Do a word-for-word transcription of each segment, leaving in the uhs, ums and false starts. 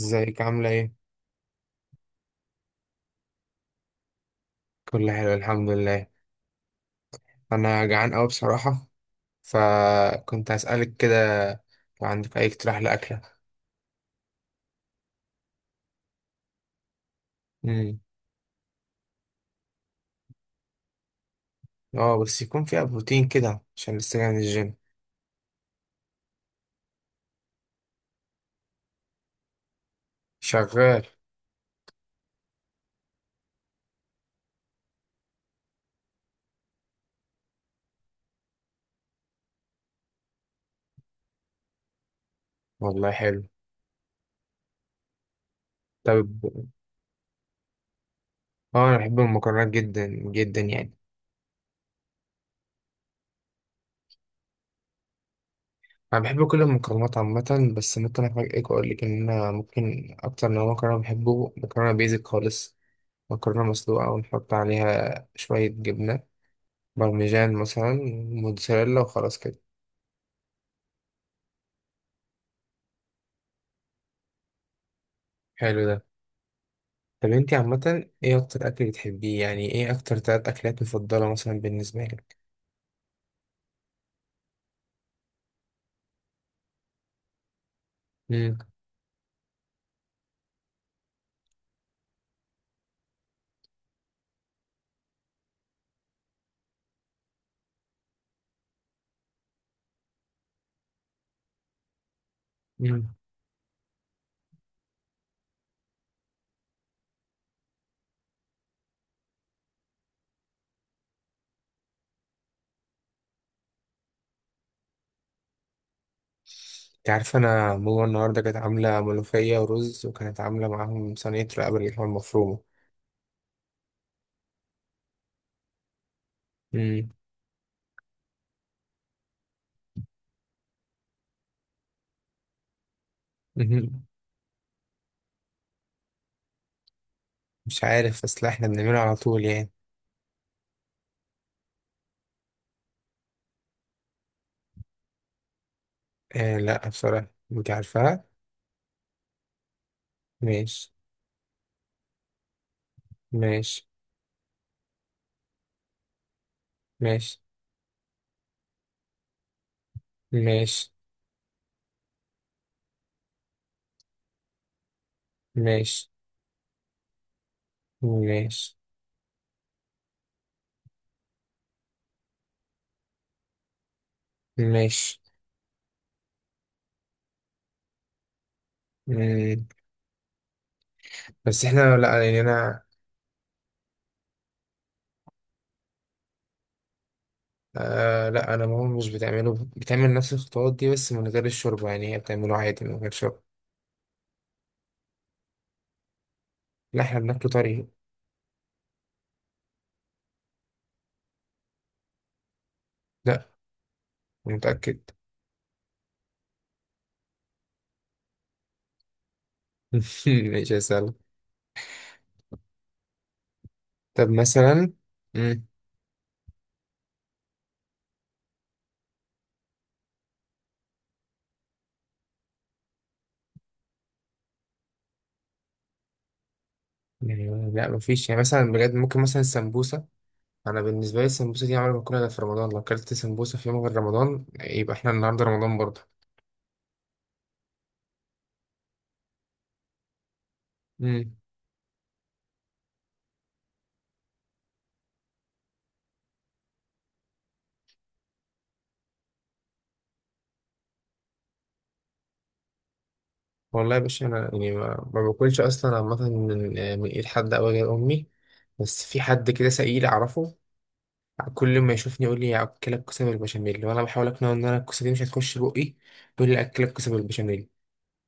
ازيك عاملة ايه؟ كله حلو الحمد لله. انا جعان اوي بصراحة، فكنت هسألك كده لو عندك اي اقتراح لأكلة. امم. اه بس يكون فيها بروتين كده عشان لسه جاي من الجيم. شغال. والله حلو. طب، اه انا بحب المكرونات جدا جدا يعني. انا بحب كل المكرونات عامة، بس ممكن افاجئك واقول لك ان انا ممكن اكتر نوع مكرونة بحبه مكرونة بيزك خالص. مكرونة مسلوقة ونحط عليها شوية جبنة بارميجان مثلا، موتزاريلا وخلاص كده. حلو ده. طب انتي عامة ايه اكتر اكل بتحبيه؟ يعني ايه اكتر تلات اكلات مفضلة مثلا بالنسبة لك؟ امم. امم. انت عارفة، انا ماما النهاردة كانت عاملة ملوخية ورز، وكانت عاملة معاهم صينية رقبة اللحمة المفرومة. امم. مهم. مش عارف، بس لا احنا بنعملها على طول يعني. آه، لا بصراحة انت عارفاها. ماشي. ماشي. ماشي. ماشي. ماشي. ماشي. ماشي. مم. بس احنا، لا يعني انا، آه، لا انا ماما مش بتعمله، بتعمل نفس الخطوات دي بس من غير الشوربه، يعني هي بتعمله عادي من غير شوربه. لا احنا بناكله طري. لا، أنا متاكد. مش هسألك. طب مثلا. مم. يعني لا مفيش، يعني مثلا بجد ممكن مثلا السمبوسه. انا بالنسبه لي السمبوسه دي عمري ما باكلها غير في رمضان، لو اكلت سمبوسه في يوم غير رمضان يبقى احنا النهارده رمضان برضه. مم. والله يا باشا، انا يعني ما, ما باكلش اصلا عامه من من ايد حد او غير امي. بس في حد كده سئيل اعرفه، كل ما يشوفني يقول لي اكلك كوسه بالبشاميل، وانا بحاول اقنعه ان انا الكوسه دي مش هتخش بقي. يقول لي اكلك كوسه بالبشاميل،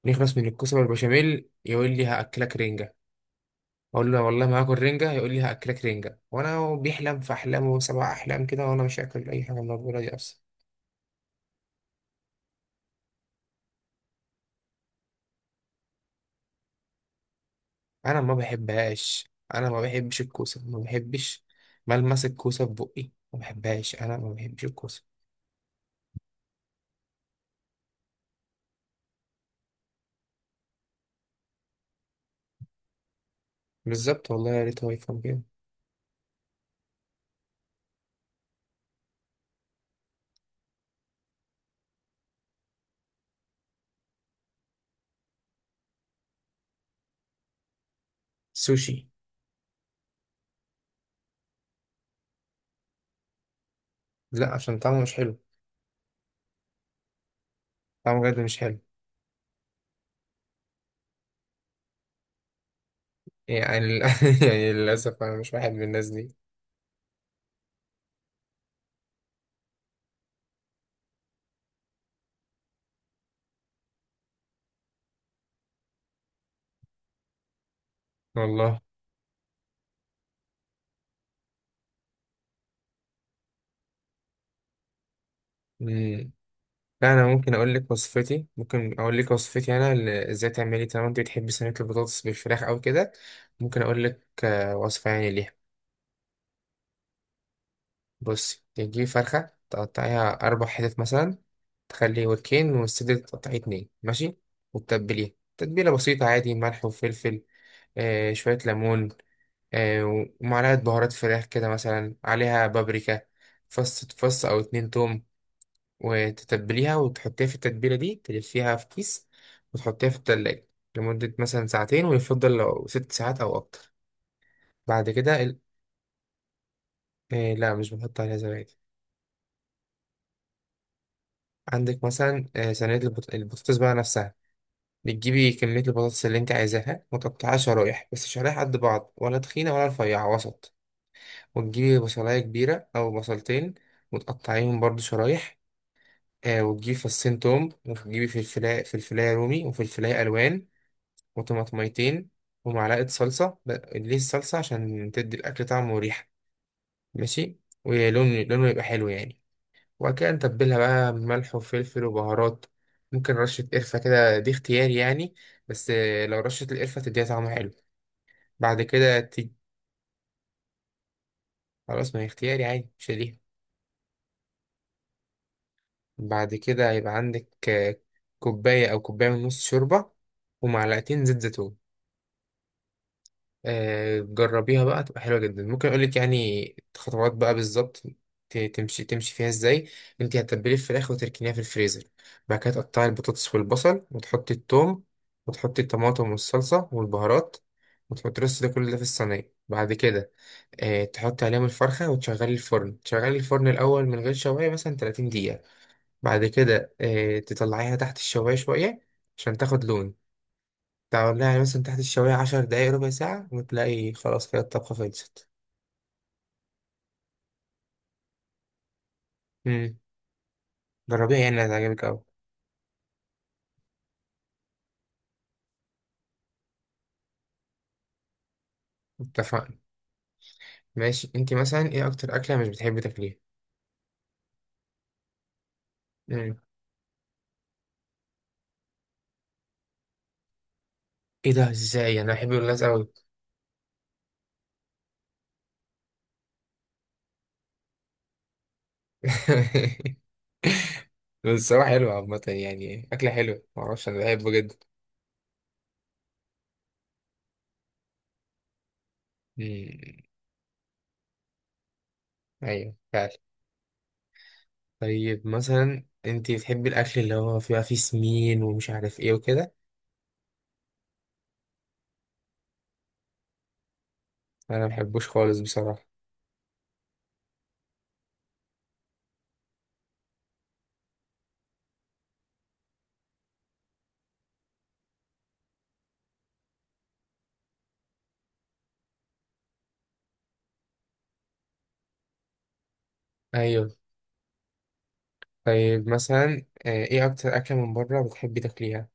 نخلص من الكوسه بالبشاميل يقول لي هاكلك رنجه. اقول له والله ما هاكل رنجه، يقول لي هاكلك رنجه، وانا بيحلم في احلامه سبع احلام كده، وانا مش هاكل اي حاجه موجوده دي اصلا. انا ما بحبهاش، انا ما بحبش الكوسه ما بحبش. ملمس الكوسه في بقي ما بحبهاش، انا ما بحبش الكوسه. بالظبط، والله يا ريت هو يفهم كده. سوشي. لا عشان طعمه مش حلو. طعمه بجد مش حلو. يعني لل- يعني للأسف أنا مش واحد من الناس دي. والله. مم. لا أنا ممكن أقول لك وصفتي، ممكن أقول لك وصفتي أنا ل- إزاي تعملي، طالما أنت بتحبي صينية البطاطس بالفراخ أو كده. ممكن أقول لك آه، وصفة يعني ليها. بصي تجيبي فرخة تقطعيها أربع حتت مثلا، تخلي وركين والصدر تقطعيه اتنين، ماشي. وتتبليه تتبيلة بسيطة عادي، ملح وفلفل، آه شوية ليمون، آه، ومعلقة بهارات فراخ كده مثلا عليها بابريكا، فص فص أو اتنين توم. وتتبليها وتحطيها في التتبيلة دي، تلفيها في كيس وتحطيها في التلاجة لمدة مثلا ساعتين، ويفضل لو ست ساعات أو أكتر. بعد كده ال... آه لا مش بنحط عليها زبادي. عندك مثلا آه، صينية البط... البطاطس بقى نفسها. بتجيبي كمية البطاطس اللي انت عايزاها وتقطعها شرايح، بس شرايح قد بعض، ولا تخينة ولا رفيعة، وسط. وتجيبي بصلاية كبيرة أو بصلتين، وتقطعيهم برضو شرايح. آه، وتجيبي فصين توم، وتجيبي فلفلاية، فلفلاية رومي وفلفلاية ألوان، وطماطميتين، ومعلقة صلصة. ب- ليه الصلصة؟ عشان تدي الأكل طعم وريحة، ماشي، ولون، لونه يبقى حلو يعني. وبعد كده نتبلها بقى بملح وفلفل وبهارات. ممكن رشة قرفة كده، دي اختياري يعني، بس آه، لو رشة القرفة تديها طعم حلو. بعد كده ت- خلاص، ما هي اختياري عادي مش ليها. بعد كده هيبقى عندك آه، كوباية أو كوباية ونص شوربة، ومعلقتين زيت زيتون. آه، جربيها بقى تبقى حلوة جدا. ممكن اقول لك يعني خطوات بقى بالظبط ت- تمشي تمشي فيها ازاي. انت هتتبلي الفراخ وتركنيها في الفريزر، بعد كده تقطعي البطاطس والبصل، وتحطي الثوم، وتحطي الطماطم والصلصة والبهارات، وتحطي الرز، ده كله ده في الصينية. بعد كده آه، تحطي عليهم الفرخة وتشغلي الفرن، تشغلي الفرن الأول من غير شواية مثلا تلاتين دقيقة. بعد كده آه، تطلعيها تحت الشواية شوية عشان تاخد لون. تعمل لها يعني مثلا تحت الشواية عشر دقايق ربع ساعة، وتلاقي خلاص كده الطبخة خلصت. امم. جربيها يعني هتعجبك أوي. اتفقنا. ماشي، انتي مثلا ايه أكتر أكلة مش بتحبي تاكليها؟ امم. ايه ده؟ ازاي أنا بحب الناس أوي! بس هو حلو عامة يعني، أكلة حلوة معرفش، أنا بحبه جدا. امم. أيوه فعلا. طيب مثلا انتي بتحبي الأكل اللي هو فيها فيه سمين ومش عارف ايه وكده؟ أنا مبحبوش خالص بصراحة. أيوه. طيب مثلا آه، ايه أكتر أكلة من بره بتحبي تاكليها؟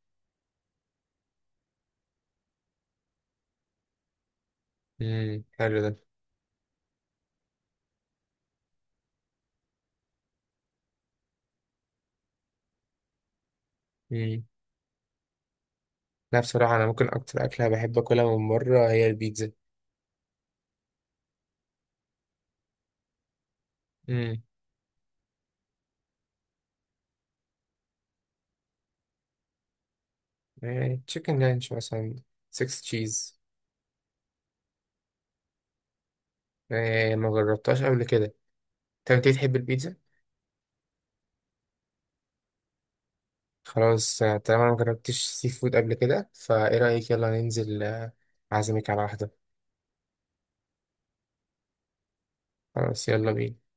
امم، حلو ده. امم. لا بصراحة، أنا ممكن أكتر أكلة بحب أكلها من بره هي البيتزا. امم. تشيكن لانش مثلا، سكس تشيز. ما جربتهاش قبل كده. طب أنت بتحب البيتزا؟ خلاص آه، طالما أنا مجربتش سي فود قبل كده، فإيه رأيك؟ يلا ننزل آه، أعزمك على واحدة. خلاص يلا بينا.